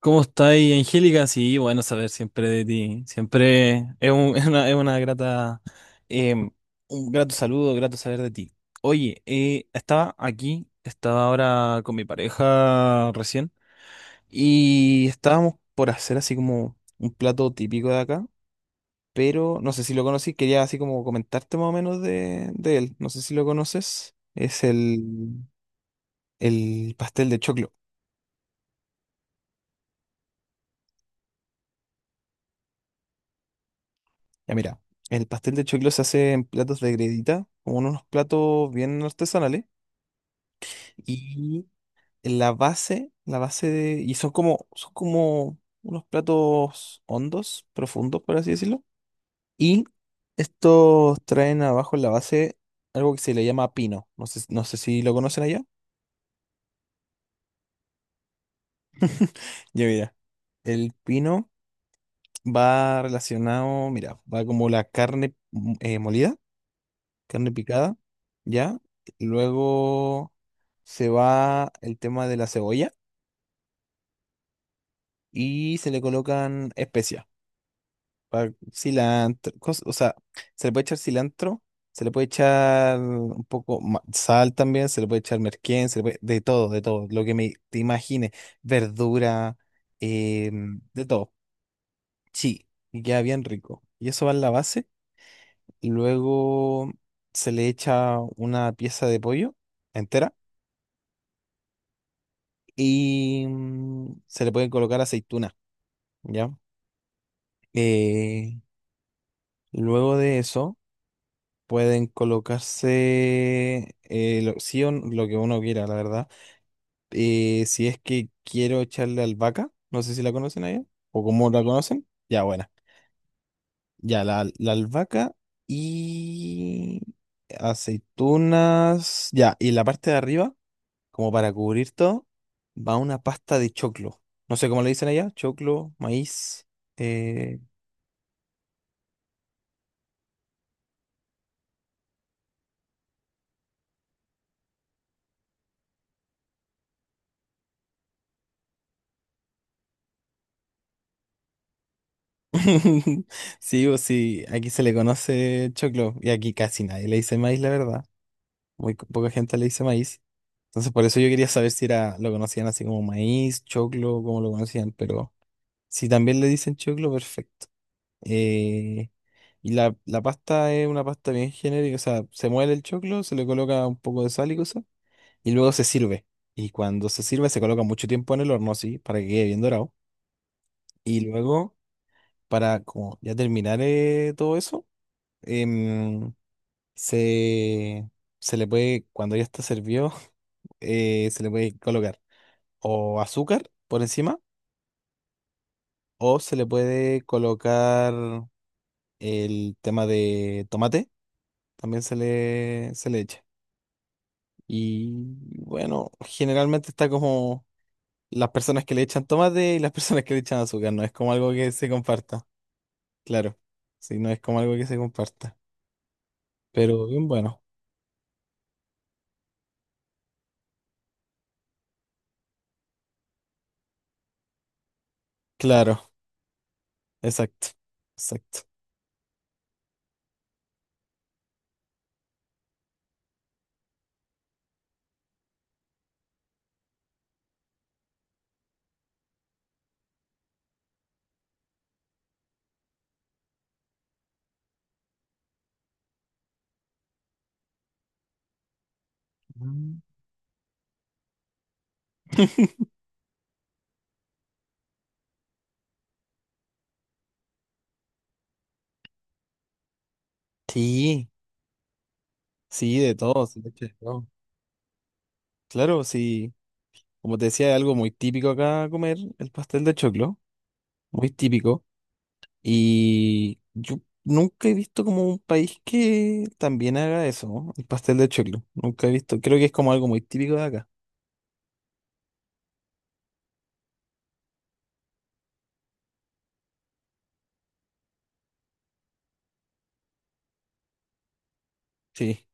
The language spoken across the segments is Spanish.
¿Cómo estáis, Angélica? Sí, bueno, saber siempre de ti. Siempre es, es una grata, em, un grato saludo, grato saber de ti. Oye, estaba aquí, estaba ahora con mi pareja recién y estábamos por hacer así como un plato típico de acá, pero no sé si lo conocí, quería así como comentarte más o menos de él. No sé si lo conoces. Es el pastel de choclo. Ya mira, el pastel de choclo se hace en platos de gredita, como en unos platos bien artesanales. Y la base de... Y son como unos platos hondos, profundos, por así decirlo. Y estos traen abajo en la base algo que se le llama pino. No sé, no sé si lo conocen allá. Ya mira, el pino va relacionado, mira, va como la carne molida. Carne picada, ¿ya? Luego se va el tema de la cebolla y se le colocan especias, cilantro, o sea, se le puede echar cilantro, se le puede echar un poco sal también, se le puede echar merquén, de todo, lo te imagines, verdura, de todo, sí, y queda bien rico. Y eso va en la base, y luego se le echa una pieza de pollo entera y se le pueden colocar aceituna, ¿ya? Eh, luego de eso pueden colocarse lo, sí o n- lo que uno quiera, la verdad. Si es que quiero echarle albahaca, no sé si la conocen allá o cómo la conocen, ya buena. Ya la albahaca y aceitunas, ya, y la parte de arriba, como para cubrir todo, va una pasta de choclo. No sé cómo le dicen allá, choclo, maíz. Eh, Sí o sí, aquí se le conoce choclo y aquí casi nadie le dice maíz, la verdad. Poca gente le dice maíz. Entonces por eso yo quería saber si era lo conocían así como maíz, choclo, cómo lo conocían, pero si también le dicen choclo, perfecto. Eh, y la pasta es una pasta bien genérica, o sea, se muele el choclo, se le coloca un poco de sal y cosas, y luego se sirve. Y cuando se sirve se coloca mucho tiempo en el horno, sí, para que quede bien dorado. Y luego, para como ya terminar todo eso, em, se, se le puede, cuando ya está servido, se le puede colocar o azúcar por encima o se le puede colocar el tema de tomate, también se le echa. Y bueno, generalmente está como... Las personas que le echan tomate y las personas que le echan azúcar, no es como algo que se comparta, claro. Sí, no es como algo que se comparta, pero bien bueno. Claro, exacto, exacto. Mm. Sí, sí, de todo, sí, de hecho, de todo. Claro, sí, como te decía, es algo muy típico acá comer el pastel de choclo, muy típico. Y yo nunca he visto como un país que también haga eso, ¿no? El pastel de choclo. Nunca he visto, creo que es como algo muy típico de acá. Sí.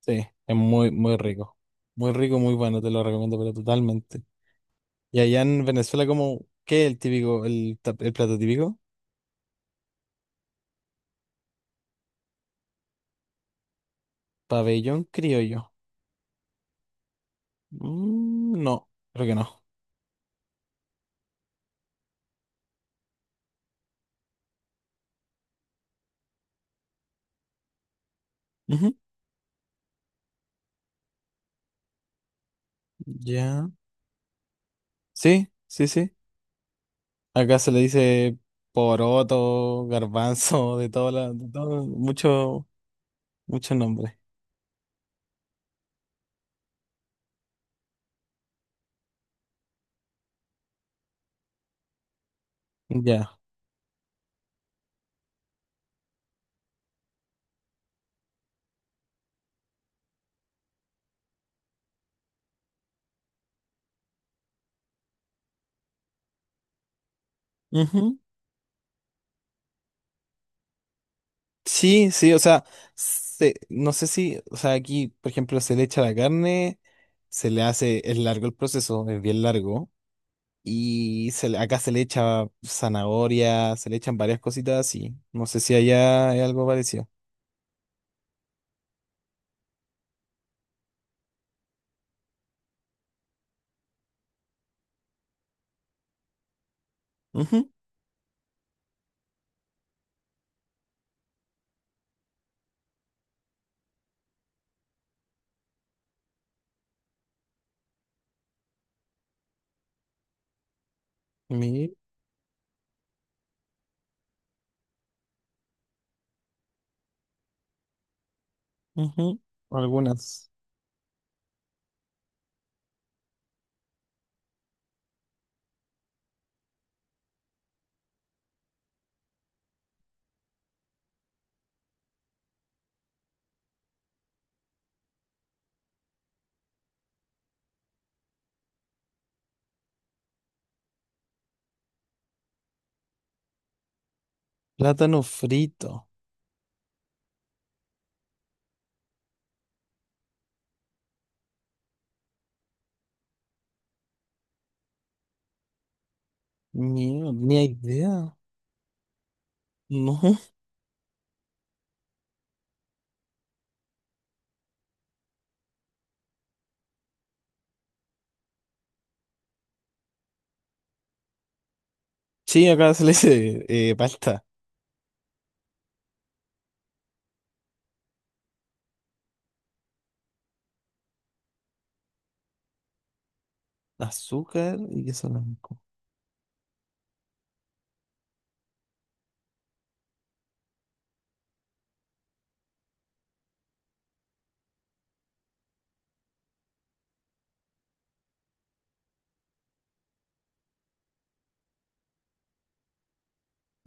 Sí, es muy, muy rico. Muy rico, muy bueno, te lo recomiendo, pero totalmente. Y allá en Venezuela, ¿cómo qué es el típico, el, el plato típico? Pabellón criollo. Mm, no, creo que no. Ujú. Ya. Sí, sí, sí. Acá se le dice poroto, garbanzo, de todo, de todo, mucho, muchos nombres. Ya. Sí, sí, o sea, no sé si, o sea, aquí, por ejemplo, se le echa la carne, se le hace, es largo el proceso, es bien largo, y acá se le echa zanahoria, se le echan varias cositas así. No sé si allá hay algo parecido. Ujú, mi- ujú, algunas. Plátano frito. Mierda, ni idea. No. Sí, acá se le dice palta, azúcar y queso blanco.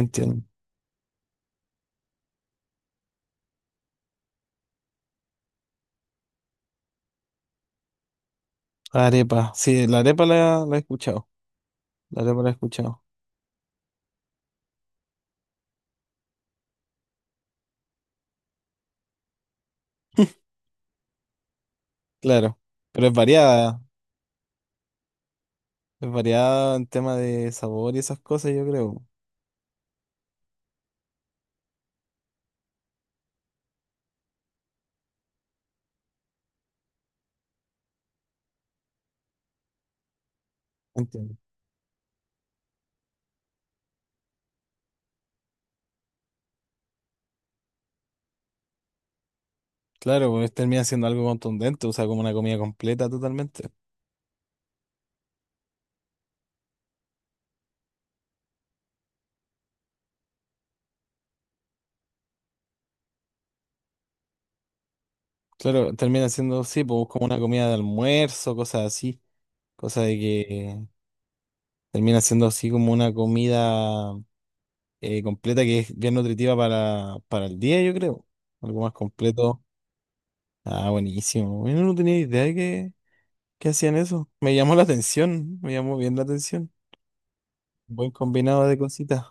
Entiendo. Arepa, sí, la arepa la he escuchado. La te he escuchado. Claro. Pero es variada. Es variada en tema de sabor y esas cosas, yo creo. Entiendo. Claro, pues termina siendo algo contundente, o sea, como una comida completa totalmente. Claro, termina siendo, sí, pues como una comida de almuerzo, cosas así. Cosa de que termina siendo así como una comida completa que es bien nutritiva para el día, yo creo. Algo más completo. Ah, buenísimo. Bueno, no tenía idea de que hacían eso. Me llamó la atención, me llamó bien la atención. Buen combinado de cositas.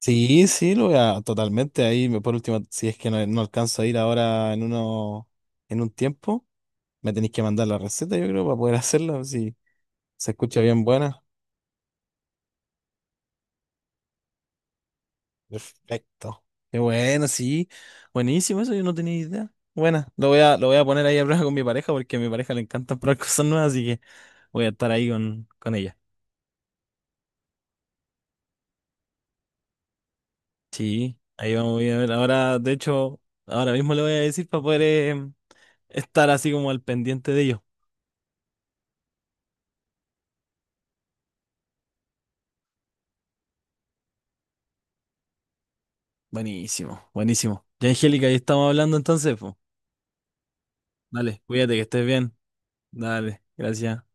Sí, sí, lo voy a totalmente ahí. Por último, si es que no, no alcanzo a ir ahora en uno, en un tiempo, me tenéis que mandar la receta, yo creo, para poder hacerla, si se escucha bien buena. Perfecto. Qué bueno, sí. Buenísimo, eso yo no tenía idea. Buena lo voy a poner ahí a prueba con mi pareja, porque a mi pareja le encanta probar cosas nuevas, así que voy a estar ahí con ella. Sí, ahí vamos voy a ver. Ahora, de hecho, ahora mismo le voy a decir para poder estar así como al pendiente de ello. Buenísimo, buenísimo. Ya, Angélica, ahí estamos hablando entonces, pues. Dale, cuídate que estés bien. Dale, gracias.